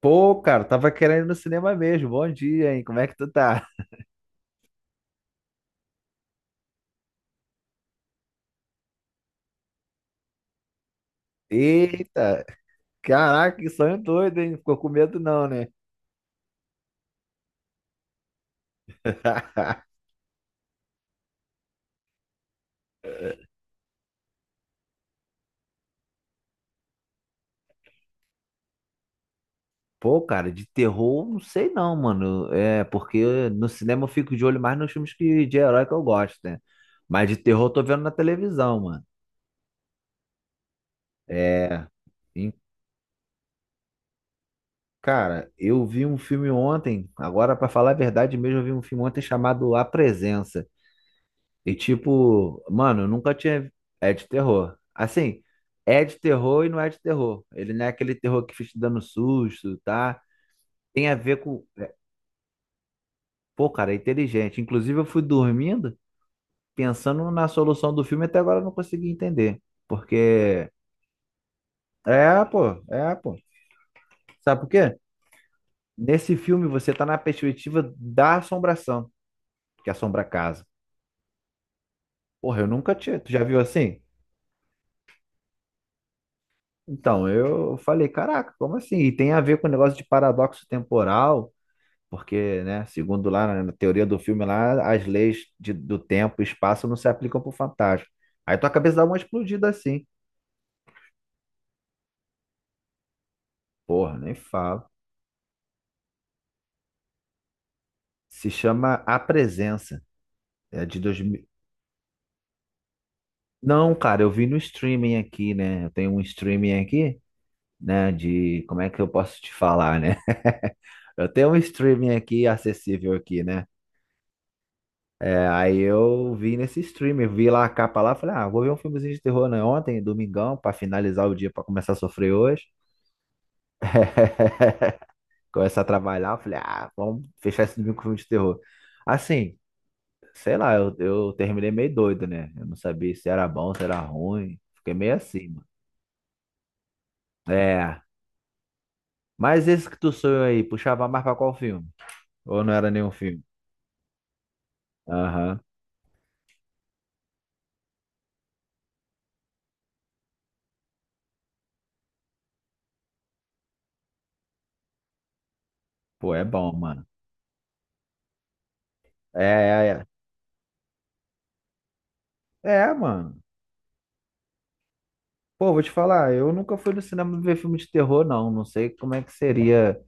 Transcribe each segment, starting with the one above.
Pô, cara, tava querendo ir no cinema mesmo. Bom dia, hein? Como é que tu tá? Eita, caraca, que sonho doido, hein? Ficou com medo não, né? Pô, cara, de terror, não sei não, mano. É, porque no cinema eu fico de olho mais nos filmes que, de herói que eu gosto, né? Mas de terror eu tô vendo na televisão, mano. É, e, cara, eu vi um filme ontem, agora pra falar a verdade mesmo, eu vi um filme ontem chamado A Presença. E tipo, mano, eu nunca tinha. É de terror. Assim, é de terror e não é de terror. Ele não é aquele terror que fica te dando susto, tá? Tem a ver com. Pô, cara, é inteligente. Inclusive, eu fui dormindo pensando na solução do filme, até agora eu não consegui entender. Porque. É, pô, é, pô. Sabe por quê? Nesse filme você tá na perspectiva da assombração, que assombra a casa. Porra, eu nunca tinha. Tu já viu assim? Então, eu falei, caraca, como assim? E tem a ver com o negócio de paradoxo temporal. Porque, né, segundo lá na teoria do filme lá, as leis do tempo e espaço não se aplicam pro fantasma. Aí tua cabeça dá uma explodida assim. Porra, nem falo. Se chama A Presença. É de 2000. Não, cara, eu vi no streaming aqui, né? Eu tenho um streaming aqui, né, de como é que eu posso te falar, né? Eu tenho um streaming aqui acessível aqui, né? É, aí eu vi nesse streaming, vi lá a capa lá, falei, ah, vou ver um filmezinho de terror, né? Ontem, domingão, pra finalizar o dia, pra começar a sofrer hoje. Começar a trabalhar, eu falei, ah, vamos fechar esse domingo com filme de terror. Assim, sei lá, eu terminei meio doido, né? Eu não sabia se era bom, se era ruim. Fiquei meio assim, mano. É. Mas esse que tu sonhou aí, puxava mais pra qual filme? Ou não era nenhum filme? Aham. Pô, é bom, mano. É, é, é. É, mano. Pô, vou te falar, eu nunca fui no cinema ver filme de terror, não. Não sei como é que seria.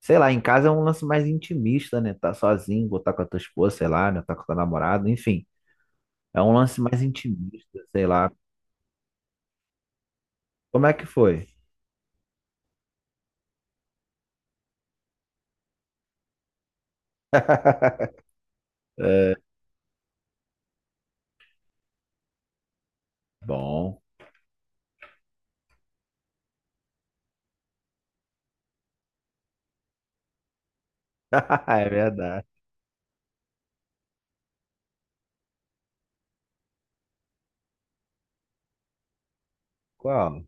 Sei lá, em casa é um lance mais intimista, né? Tá sozinho, botar com a tua esposa, sei lá, né? Tá com a tua namorada, enfim. É um lance mais intimista, sei lá. Como é que foi? É, bom. É verdade. Qual?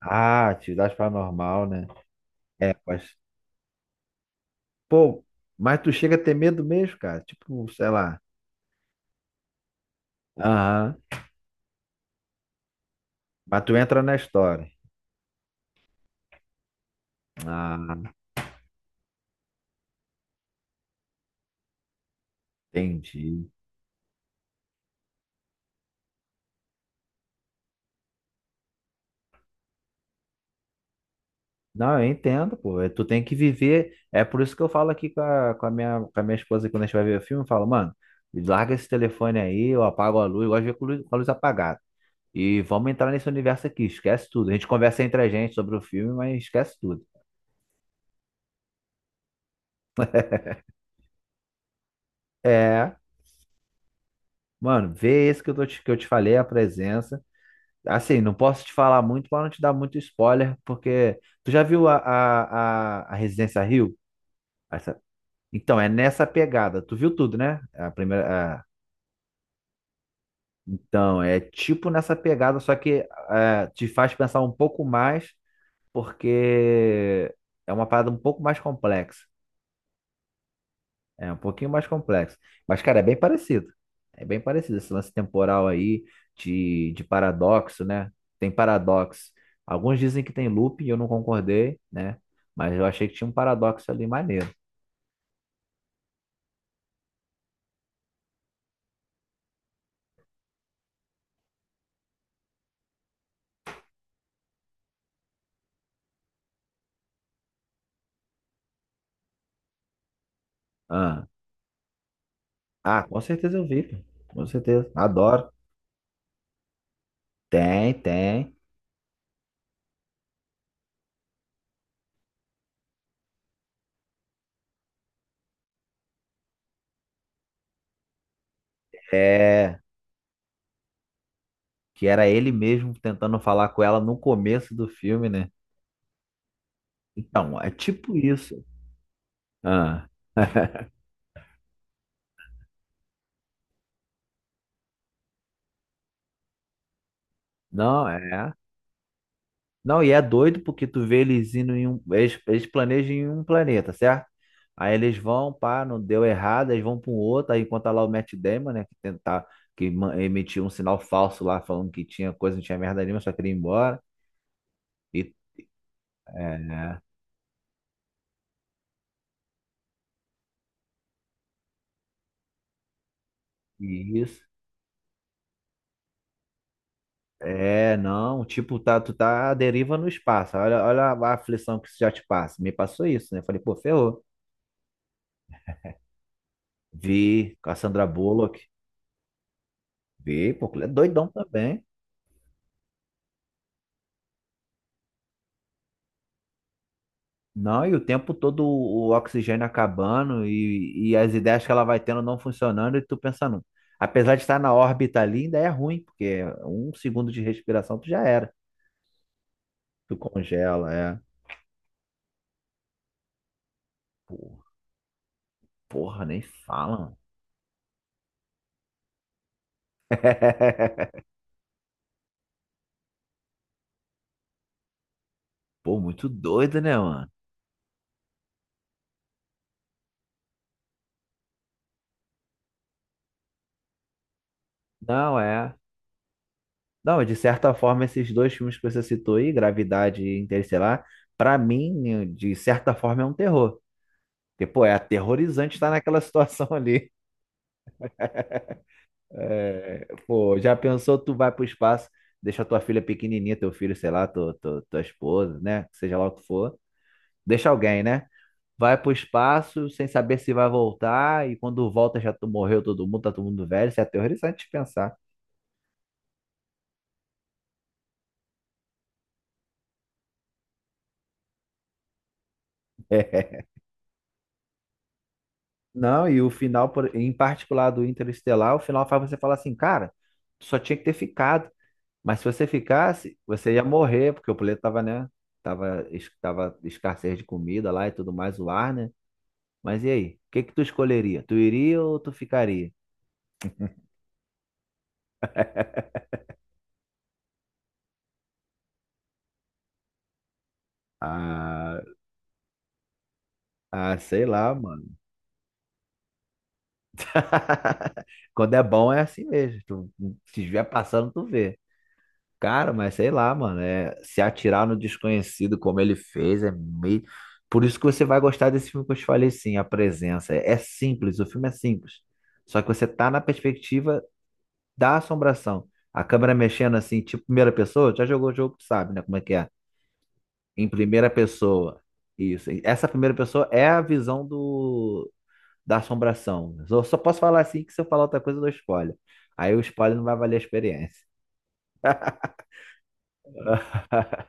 Ah, atividade paranormal, né? É, mas, pô, mas tu chega a ter medo mesmo, cara? Tipo, sei lá. Aham. Mas tu entra na história. Ah, entendi. Não, eu entendo, pô. É, tu tem que viver. É por isso que eu falo aqui com a minha esposa quando a gente vai ver o filme, eu falo, mano, larga esse telefone aí, eu apago a luz, eu gosto de ver com com a luz apagada. E vamos entrar nesse universo aqui, esquece tudo. A gente conversa entre a gente sobre o filme, mas esquece tudo. É, mano, vê esse que que eu te falei, a presença. Assim, não posso te falar muito para não te dar muito spoiler, porque tu já viu a Residência Rio? Essa- Então, é nessa pegada. Tu viu tudo, né? A primeira. A- Então, é tipo nessa pegada, só que é, te faz pensar um pouco mais, porque é uma parada um pouco mais complexa. É um pouquinho mais complexo. Mas, cara, é bem parecido. É bem parecido esse lance temporal aí de paradoxo, né? Tem paradoxo. Alguns dizem que tem loop e eu não concordei, né? Mas eu achei que tinha um paradoxo ali maneiro. Ah, ah, com certeza eu vi, pô. Com certeza. Adoro. Tem, tem. É, que era ele mesmo tentando falar com ela no começo do filme, né? Então, é tipo isso. Ah, não, é. Não, e é doido porque tu vê eles indo em um. Eles planejam em um planeta, certo? Aí eles vão, pá, não deu errado, eles vão para um outro. Aí enquanto tá lá o Matt Damon, né, que tentar, que emitiu um sinal falso lá, falando que tinha coisa, não tinha merda nenhuma, só queria ir embora. E, é, e isso. É, não, tipo, tá, tu tá à deriva no espaço. Olha, olha a aflição que isso já te passa. Me passou isso, né? Falei, pô, ferrou. Vi com a Sandra Bullock. Vi, pô, é doidão também. Não, e o tempo todo o oxigênio acabando e as ideias que ela vai tendo não funcionando e tu pensando. Apesar de estar na órbita ali, ainda é ruim, porque um segundo de respiração tu já era. Tu congela, é. Pô, porra, nem fala, mano. Pô, muito doido, né, mano? Não, é. Não, de certa forma, esses dois filmes que você citou aí, Gravidade e Interestelar, pra mim, de certa forma, é um terror. Porque, pô, é aterrorizante estar naquela situação ali. É, pô, já pensou, tu vai pro espaço, deixa tua filha pequenininha, teu filho, sei lá, tua esposa, né? Seja lá o que for. Deixa alguém, né? Vai pro espaço sem saber se vai voltar e quando volta já tu morreu todo mundo, tá todo mundo velho. Isso é aterrorizante de pensar. Não, e o final, em particular do Interestelar, o final faz você falar assim, cara, tu só tinha que ter ficado. Mas se você ficasse, você ia morrer, porque o planeta tava, né? Tava, tava escassez de comida lá e tudo mais, o ar, né? Mas e aí? O que que tu escolheria? Tu iria ou tu ficaria? Ah, ah, sei lá, mano. Quando é bom é assim mesmo. Tu se estiver passando, tu vê. Cara, mas sei lá, mano. É, se atirar no desconhecido como ele fez é meio. Por isso que você vai gostar desse filme que eu te falei, sim, a presença. É, é simples, o filme é simples. Só que você tá na perspectiva da assombração. A câmera mexendo assim, tipo primeira pessoa, já jogou o jogo, tu sabe, né? Como é que é? Em primeira pessoa. Isso. Essa primeira pessoa é a visão do, da assombração. Eu só posso falar assim que se eu falar outra coisa, eu dou spoiler. Aí o spoiler não vai valer a experiência.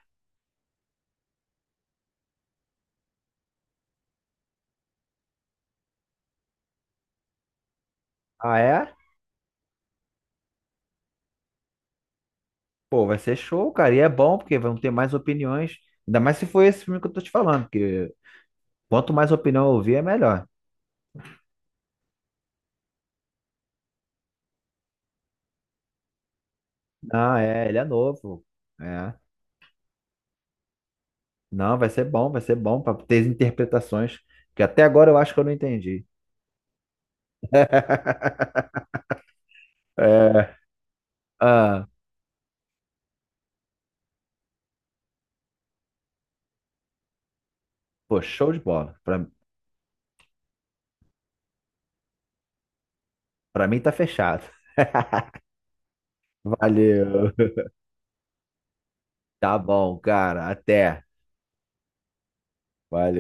Ah, é? Pô, vai ser show, cara. E é bom, porque vão ter mais opiniões. Ainda mais se for esse filme que eu tô te falando, porque quanto mais opinião eu ouvir, é melhor. Não, é, ele é novo. É. Não, vai ser bom para ter interpretações, que até agora eu acho que eu não entendi. É. Ah, pô, show de bola. Pra mim tá fechado. Valeu. Tá bom, cara. Até. Valeu.